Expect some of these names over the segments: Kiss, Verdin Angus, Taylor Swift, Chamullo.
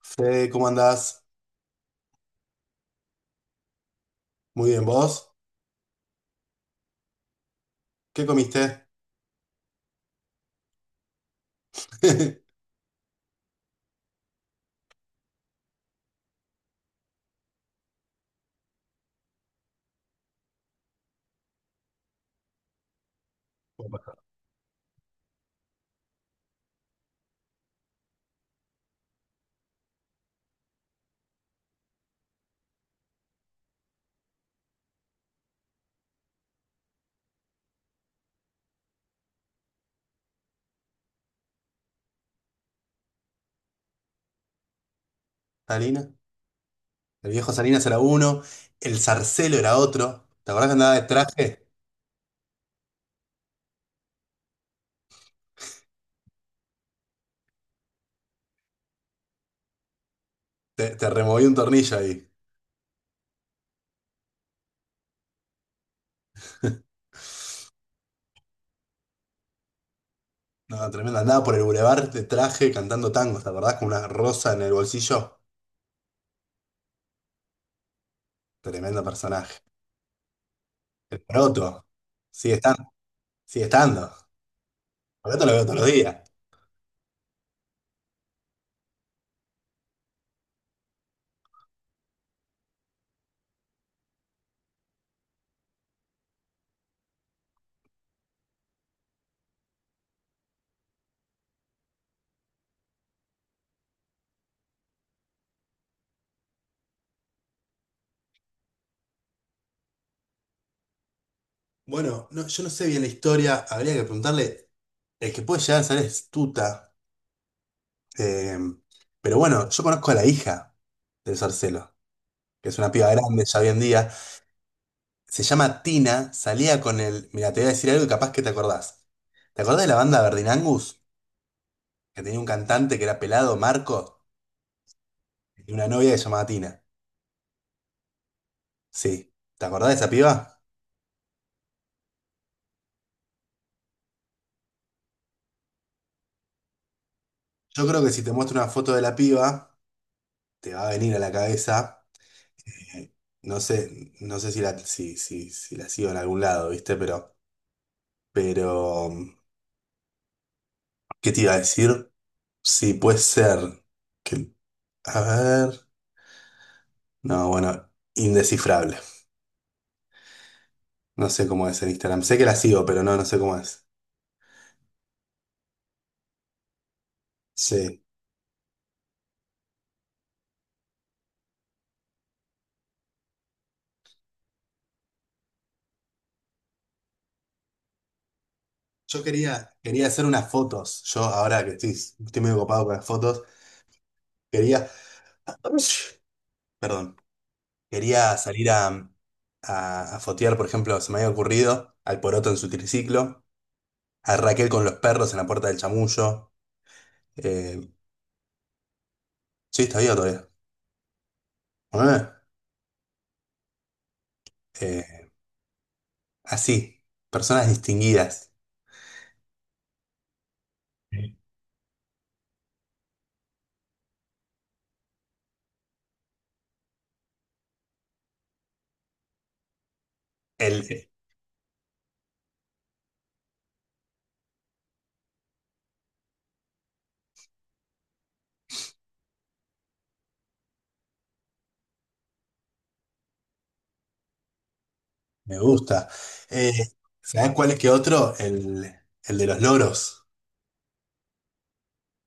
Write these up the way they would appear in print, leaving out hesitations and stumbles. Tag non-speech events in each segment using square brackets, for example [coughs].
Fede, ¿cómo andás? Muy bien, ¿vos? ¿Qué comiste? [laughs] Salina. El viejo Salinas era uno, el Zarcelo era otro. ¿Te acordás que andaba de traje? Te removí un tornillo ahí. [laughs] No, tremendo. Andaba por el bulevar de traje cantando tangos, ¿te acordás? Con una rosa en el bolsillo. Tremendo personaje. El Proto. Sigue estando. Sigue estando. El Proto lo veo todos los días. Bueno, no, yo no sé bien la historia. Habría que preguntarle. El que puede llegar a ser es Tuta. Eh, pero bueno, yo conozco a la hija del Sarcelo, que es una piba grande ya hoy en día. Se llama Tina, salía con el... Mira, te voy a decir algo y capaz que te acordás. ¿Te acordás de la banda Verdin Angus? Que tenía un cantante que era pelado, Marco, y una novia que se llamaba Tina. Sí. ¿Te acordás de esa piba? Yo creo que si te muestro una foto de la piba, te va a venir a la cabeza. eh, no sé, no sé si la sigo en algún lado, ¿viste? Pero, ¿qué te iba a decir? Sí, puede ser. Que, a ver. No, bueno, indescifrable. No sé cómo es en Instagram. Sé que la sigo, pero no, no sé cómo es. Sí. Yo quería, quería hacer unas fotos. Yo ahora que estoy, estoy medio ocupado con las fotos, quería. [coughs] Perdón. Quería salir a fotear, por ejemplo, se me había ocurrido al Poroto en su triciclo, a Raquel con los perros en la puerta del Chamullo. Eh, sí, está vivo todavía. Ah, eh, Así, personas distinguidas. El, me gusta. Eh, ¿Sabés cuál es que otro? El de los loros.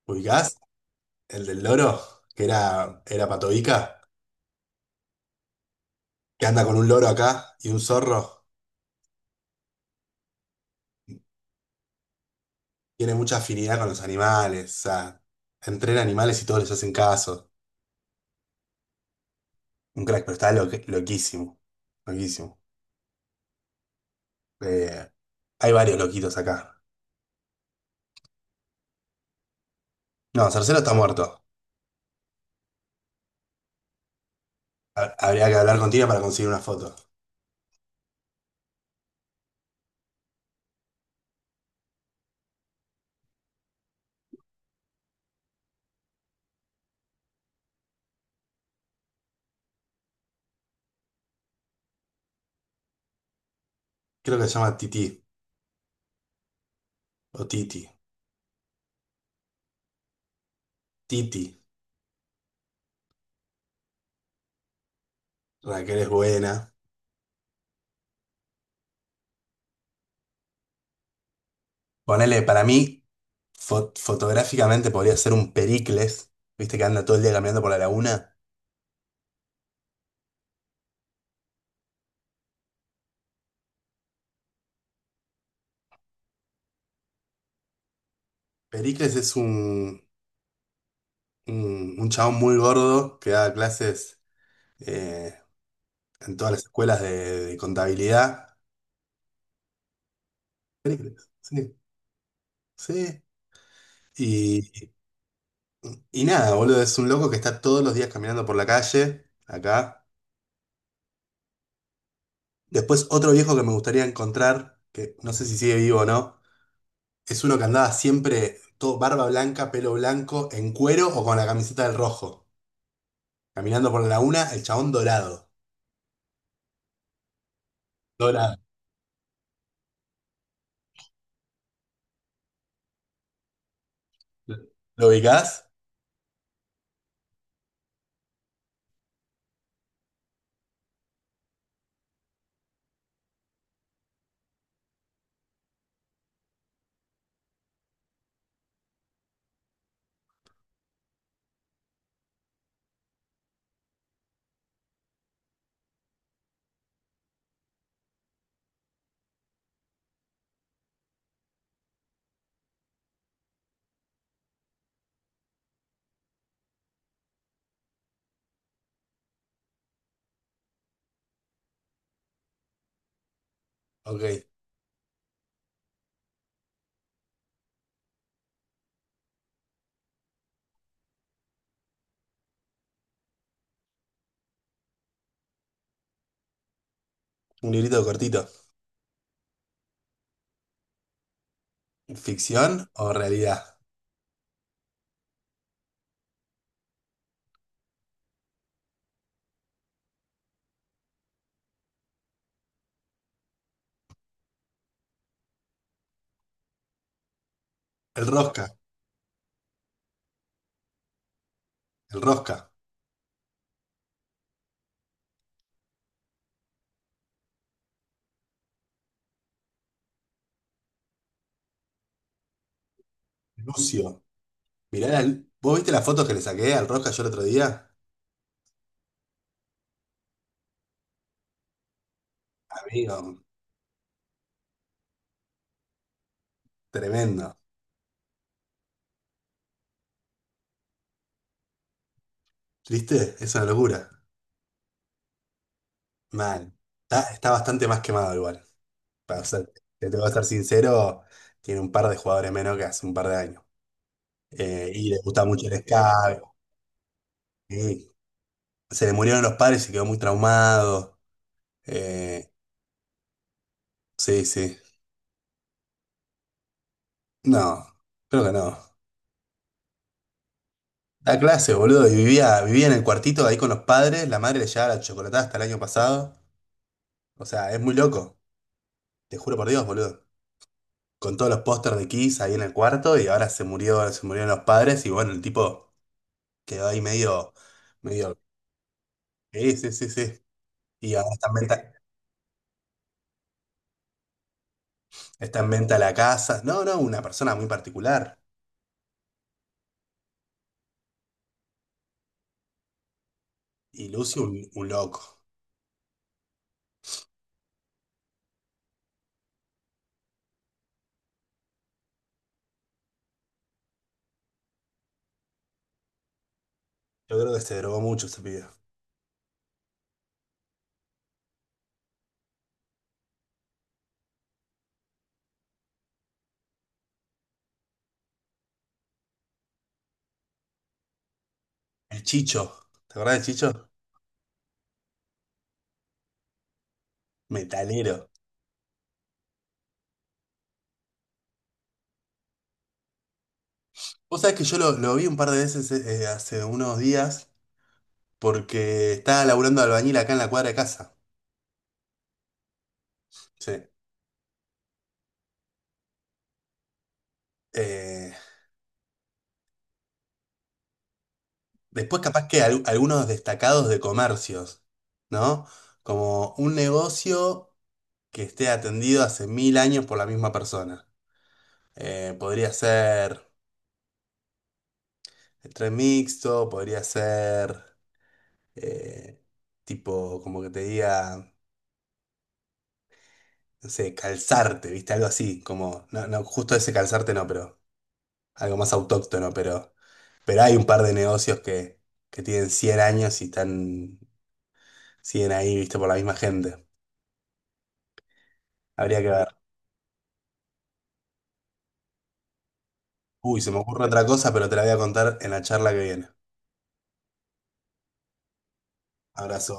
¿Ubicás? El del loro, que era, era Patovica, que anda con un loro acá y un zorro. Tiene mucha afinidad con los animales. O sea, entrena animales y todos les hacen caso. Un crack, pero está lo- loquísimo. Loquísimo. Eh, Hay varios loquitos acá. No, Cercero está muerto. Habría que hablar con Tina para conseguir una foto. Creo que se llama Titi. O Titi. Titi. Raquel es buena. Ponele, para mí, fotográficamente podría ser un Pericles, viste que anda todo el día caminando por la laguna. Pericles es un chabón muy gordo que da clases eh, en todas las escuelas de contabilidad. Pericles, sí, sí. Y, y nada, boludo, es un loco que está todos los días caminando por la calle, acá. Después otro viejo que me gustaría encontrar, que no sé si sigue vivo o no, es uno que andaba siempre todo barba blanca, pelo blanco, en cuero o con la camiseta del rojo. Caminando por la laguna, el chabón dorado. Dorado. ¿Lo ubicás? Ok. Un librito cortito. ¿Ficción o realidad? El Rosca. El Rosca. Lucio. ¿Vos viste las fotos que le saqué al Rosca yo el otro día? Amigo, tremendo. ¿Viste? Es una locura. Mal. Está bastante más quemado igual. Para ser, te tengo que ser sincero, tiene un par de jugadores menos que hace un par de años. Y le gustaba mucho el ska. eh, Se le murieron los padres y quedó muy traumado. eh, sí, sí. No, creo que no. Da clase, boludo, y vivía, vivía en el cuartito ahí con los padres, la madre le llevaba la chocolatada hasta el año pasado. O sea, es muy loco, te juro por Dios, boludo. Con todos los pósters de Kiss ahí en el cuarto y ahora se murió, se murieron los padres y bueno, el tipo quedó ahí medio, medio... Sí, sí, sí, sí. Y ahora está en venta la casa. No, no, una persona muy particular. Y Lucio, un loco. Yo creo que se drogó mucho ese pibe. El Chicho. ¿Te acordás del Chicho? Metalero. Vos sabés que yo lo vi un par de veces hace unos días porque estaba laburando de albañil acá en la cuadra de casa. Sí. Eh, Después capaz que algunos destacados de comercios, ¿no? Como un negocio que esté atendido hace 1000 años por la misma persona. Podría ser el tren mixto, podría ser... eh, Tipo, como que te diga, no sé, calzarte, ¿viste? Algo así, como, no, no, justo ese calzarte no, pero algo más autóctono, pero hay un par de negocios que tienen 100 años y están, siguen ahí, ¿viste? Por la misma gente. Habría que ver. Uy, se me ocurre otra cosa, pero te la voy a contar en la charla que viene. Abrazo.